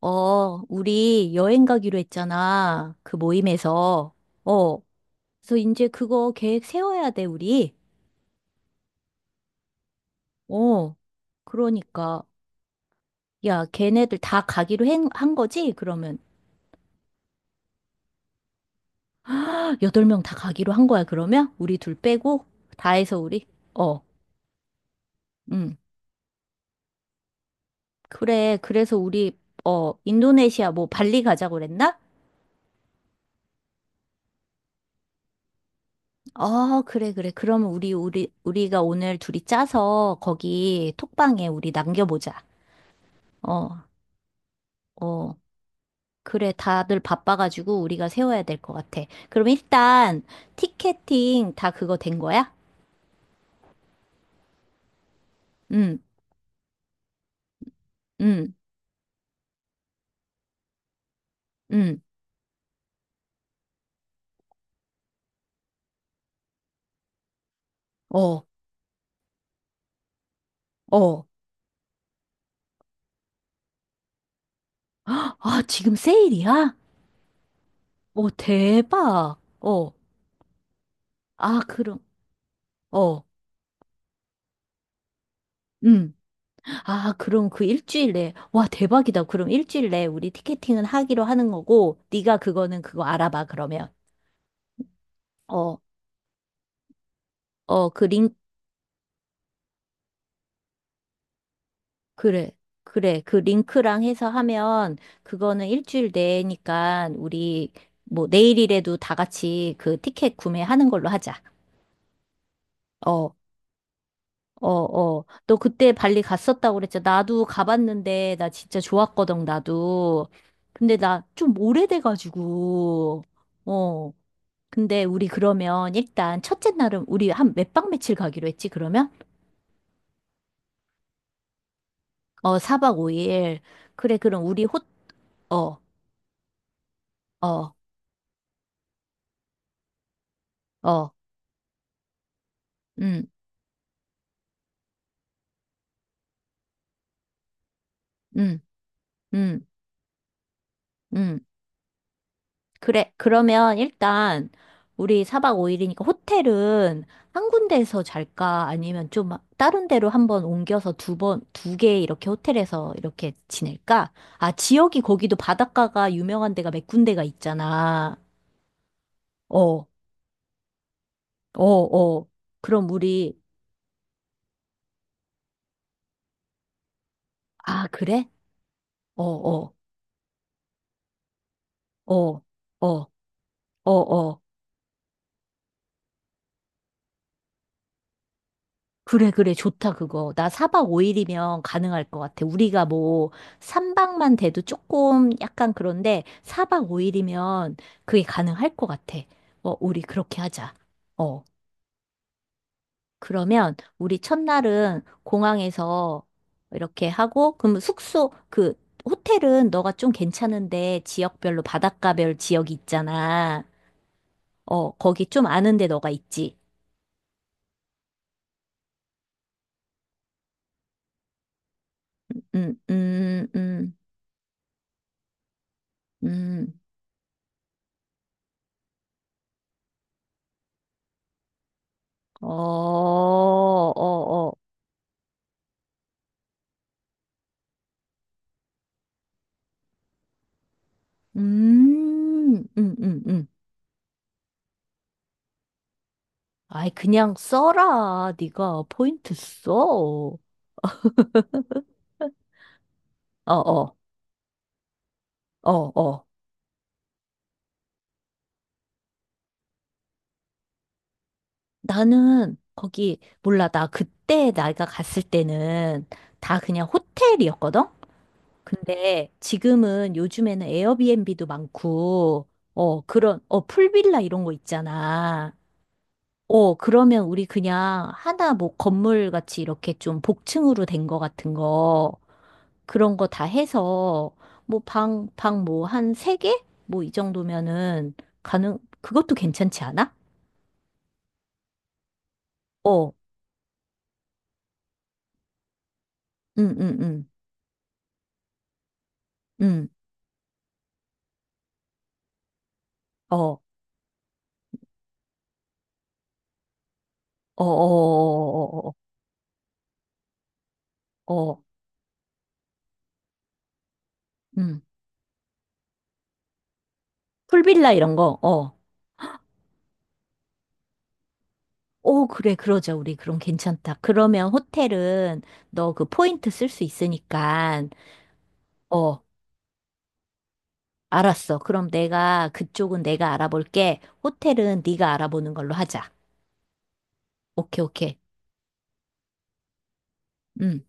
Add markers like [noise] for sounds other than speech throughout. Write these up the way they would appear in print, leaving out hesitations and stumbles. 어, 우리 여행 가기로 했잖아. 그 모임에서. 어, 그래서 이제 그거 계획 세워야 돼, 우리. 어, 그러니까. 야, 걔네들 다 가기로 한 거지? 그러면. [gasps] 헉, 여덟 명 다 가기로 한 거야, 그러면? 우리 둘 빼고? 다 해서 우리? 어, 응. 그래, 그래서 우리, 어, 인도네시아 뭐 발리 가자고 그랬나? 어, 그래, 그래. 그러면 우리가 오늘 둘이 짜서 거기 톡방에 우리 남겨보자. 어, 어. 그래, 다들 바빠가지고 우리가 세워야 될 것 같아. 그럼 일단 티켓팅 다 그거 된 거야? 응, 응, 응. 어, 어. 아, 지금 세일이야? 오 대박. 어. 아, 그럼, 어. 음. 아, 그럼 그 일주일 내에, 와, 대박이다. 그럼 일주일 내에 우리 티켓팅은 하기로 하는 거고, 네가 그거는 그거 알아봐, 그러면. 어, 어, 그링 그래, 그래. 그 링크랑 해서 하면 그거는 일주일 내니까 우리 뭐 내일이라도 다 같이 그 티켓 구매하는 걸로 하자. 어, 어, 어. 너 그때 발리 갔었다고 그랬잖아. 나도 가봤는데 나 진짜 좋았거든, 나도. 근데 나 좀 오래돼가지고. 어. 근데 우리 그러면 일단 첫째 날은 우리 한 몇 박 며칠 가기로 했지, 그러면? 어, 4박 5일. 그래, 그럼 우리 호, 어, 어, 어. 음. 음. 음, 음. 그래. 그러면 일단 우리 4박 5일이니까 호텔은 한 군데에서 잘까? 아니면 좀 다른 데로 한번 옮겨서 두 번, 두 개 이렇게 호텔에서 이렇게 지낼까? 아, 지역이 거기도 바닷가가 유명한 데가 몇 군데가 있잖아. 어, 어, 어. 그럼 우리, 아, 그래? 어, 어, 어, 어, 어, 어. 그래, 그래, 좋다, 그거. 나 4박 5일이면 가능할 것 같아. 우리가 뭐, 3박만 돼도 조금 약간 그런데, 4박 5일이면 그게 가능할 것 같아. 어, 우리 그렇게 하자. 어, 그러면, 우리 첫날은 공항에서 이렇게 하고, 그럼 숙소, 그, 호텔은 너가 좀 괜찮은데, 지역별로 바닷가별 지역이 있잖아. 어, 거기 좀 아는데 너가 있지. 음, 음, 음, 음. 어, 어, 어. 음, 음, 음, 음. 아이, 그냥 써라. 네가 포인트 써. 어, 어, 어, 어. 나는 거기, 몰라. 나 그때 내가 갔을 때는 다 그냥 호텔이었거든? 근데 지금은 요즘에는 에어비앤비도 많고, 어, 그런, 어, 풀빌라 이런 거 있잖아. 어, 그러면 우리 그냥 하나 뭐 건물 같이 이렇게 좀 복층으로 된 거 같은 거. 그런 거 다 해서 뭐 방, 방 뭐 한 세 개? 뭐 이 정도면은 가능, 그것도 괜찮지 않아? 어, 응, 응, 응, 응, 어, 어, 어, 어, 어, 어, 어, 응. 풀빌라 이런 거, 어. 오, 그래, 그러자, 우리. 그럼 괜찮다. 그러면 호텔은 너 그 포인트 쓸 수 있으니까, 어, 알았어. 그럼 내가, 그쪽은 내가 알아볼게. 호텔은 네가 알아보는 걸로 하자. 오케이, 오케이. 응,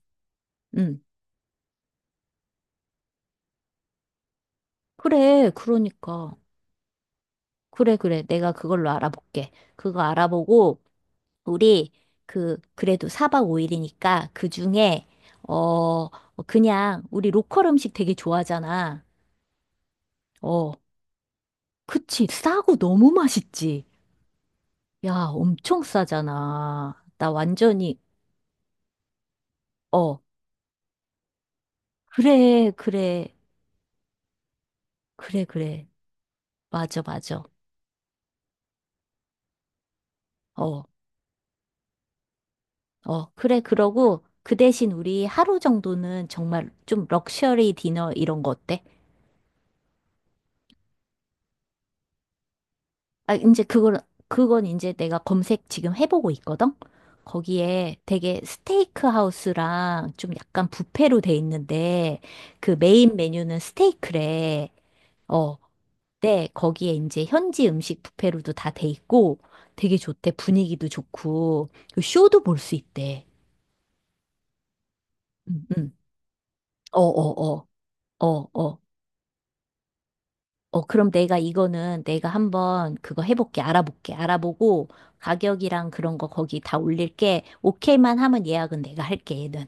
응. 그래, 그러니까. 그래, 그래. 내가 그걸로 알아볼게. 그거 알아보고, 우리, 그, 그래도 4박 5일이니까, 그 중에, 어, 그냥, 우리 로컬 음식 되게 좋아하잖아. 어, 그치. 싸고 너무 맛있지. 야, 엄청 싸잖아. 나 완전히, 어, 그래, 그래, 그래, 그래. 맞아, 맞아. 어, 어, 그래. 그러고, 그 대신 우리 하루 정도는 정말 좀 럭셔리 디너 이런 거 어때? 아, 이제 그걸, 그건 이제 내가 검색 지금 해보고 있거든? 거기에 되게 스테이크 하우스랑 좀 약간 뷔페로 돼 있는데, 그 메인 메뉴는 스테이크래. 어, 네, 거기에 이제 현지 음식 뷔페로도 다 돼 있고, 되게 좋대. 분위기도 좋고, 그 쇼도 볼 수 있대. 응, 응. 어, 어, 어, 어, 어. 어, 그럼 내가 이거는 내가 한번 그거 해볼게, 알아볼게, 알아보고 가격이랑 그런 거 거기 다 올릴게. 오케이만 하면 예약은 내가 할게, 얘는.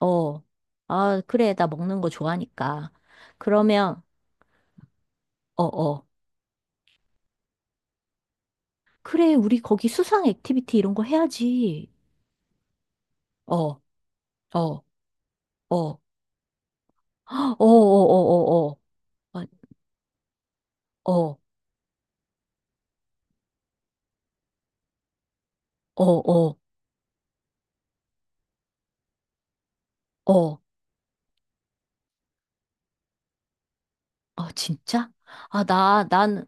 어, 아, 그래, 나 먹는 거 좋아하니까. 그러면, 어, 어. 그래, 우리 거기 수상 액티비티 이런 거 해야지. 어, 어, 어, 어, 어, 어, 어, 어, 어, 어, 어, 어. 어. 어. 아, 진짜? 아, 난,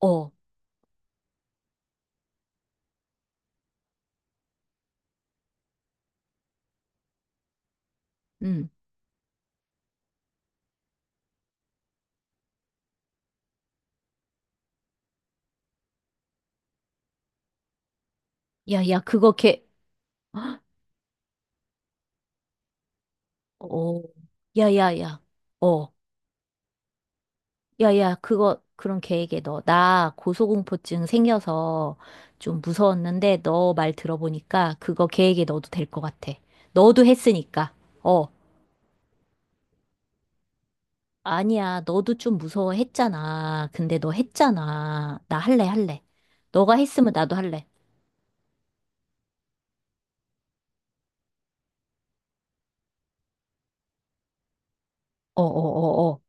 어, 음. 야, 야, 그거 걔, 어, 야야야, 어, 야야, 그거, 그런 계획에 넣어. 나 고소공포증 생겨서 좀 무서웠는데 너 말 들어보니까 그거 계획에 넣어도 될 것 같아. 너도 했으니까. 어, 아니야, 너도 좀 무서워했잖아. 근데 너 했잖아. 나 할래, 할래. 너가 했으면 나도 할래. 어어어어.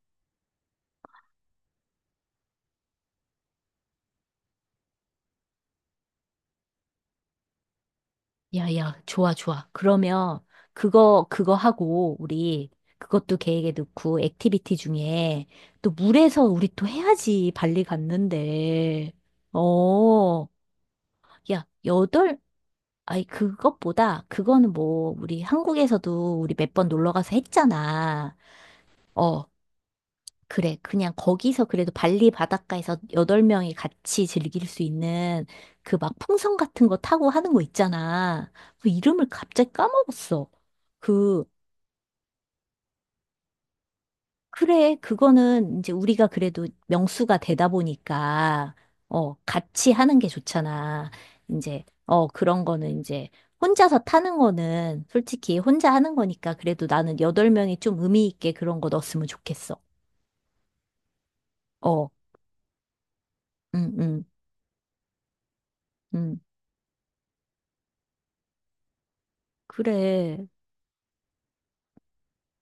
야, 야, 좋아, 좋아. 그러면 그거, 그거 하고, 우리 그것도 계획에 넣고, 액티비티 중에 또 물에서 우리 또 해야지, 발리 갔는데. 어, 야, 여덟, 아니, 그것보다, 그거는 뭐, 우리 한국에서도 우리 몇 번 놀러 가서 했잖아. 어, 그래, 그냥 거기서 그래도 발리 바닷가에서 여덟 명이 같이 즐길 수 있는 그 막 풍선 같은 거 타고 하는 거 있잖아. 그 이름을 갑자기 까먹었어. 그, 그래, 그거는 이제 우리가 그래도 명수가 되다 보니까, 어, 같이 하는 게 좋잖아. 이제, 어, 그런 거는 이제 혼자서 타는 거는 솔직히 혼자 하는 거니까 그래도 나는 여덟 명이 좀 의미 있게 그런 거 넣었으면 좋겠어. 어, 응, 응, 응. 그래.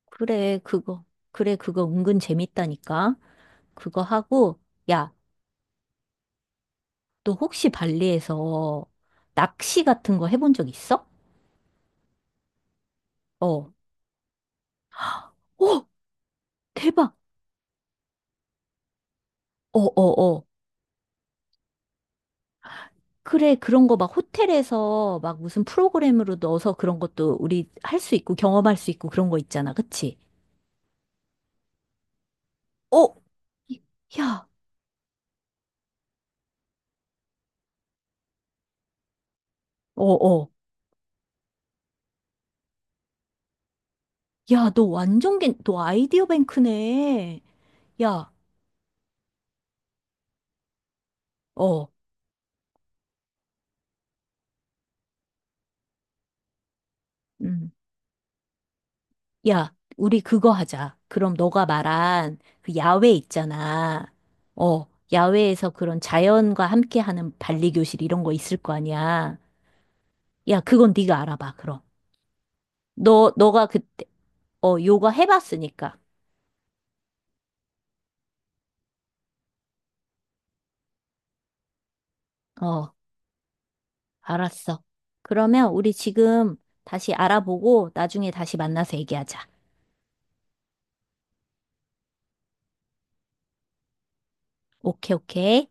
그래, 그거. 그래, 그거 은근 재밌다니까. 그거 하고, 야, 너 혹시 발리에서 낚시 같은 거 해본 적 있어? 어. 오, 대박. 어, 어, 어. 그래, 그런 거 막 호텔에서 막 무슨 프로그램으로 넣어서 그런 것도 우리 할 수 있고 경험할 수 있고 그런 거 있잖아. 그치? 어, 야, 어, 어. 야, 너 완전 겐, 너 아이디어 뱅크네. 야, 어. 음. 야, 우리 그거 하자. 그럼 너가 말한 그 야외 있잖아. 어, 야외에서 그런 자연과 함께하는 발리 교실 이런 거 있을 거 아니야. 야, 그건 네가 알아봐. 그럼 너 너가 그때 어 요가 해봤으니까. 어, 알았어. 그러면 우리 지금 다시 알아보고 나중에 다시 만나서 얘기하자. 오케이, 오케이.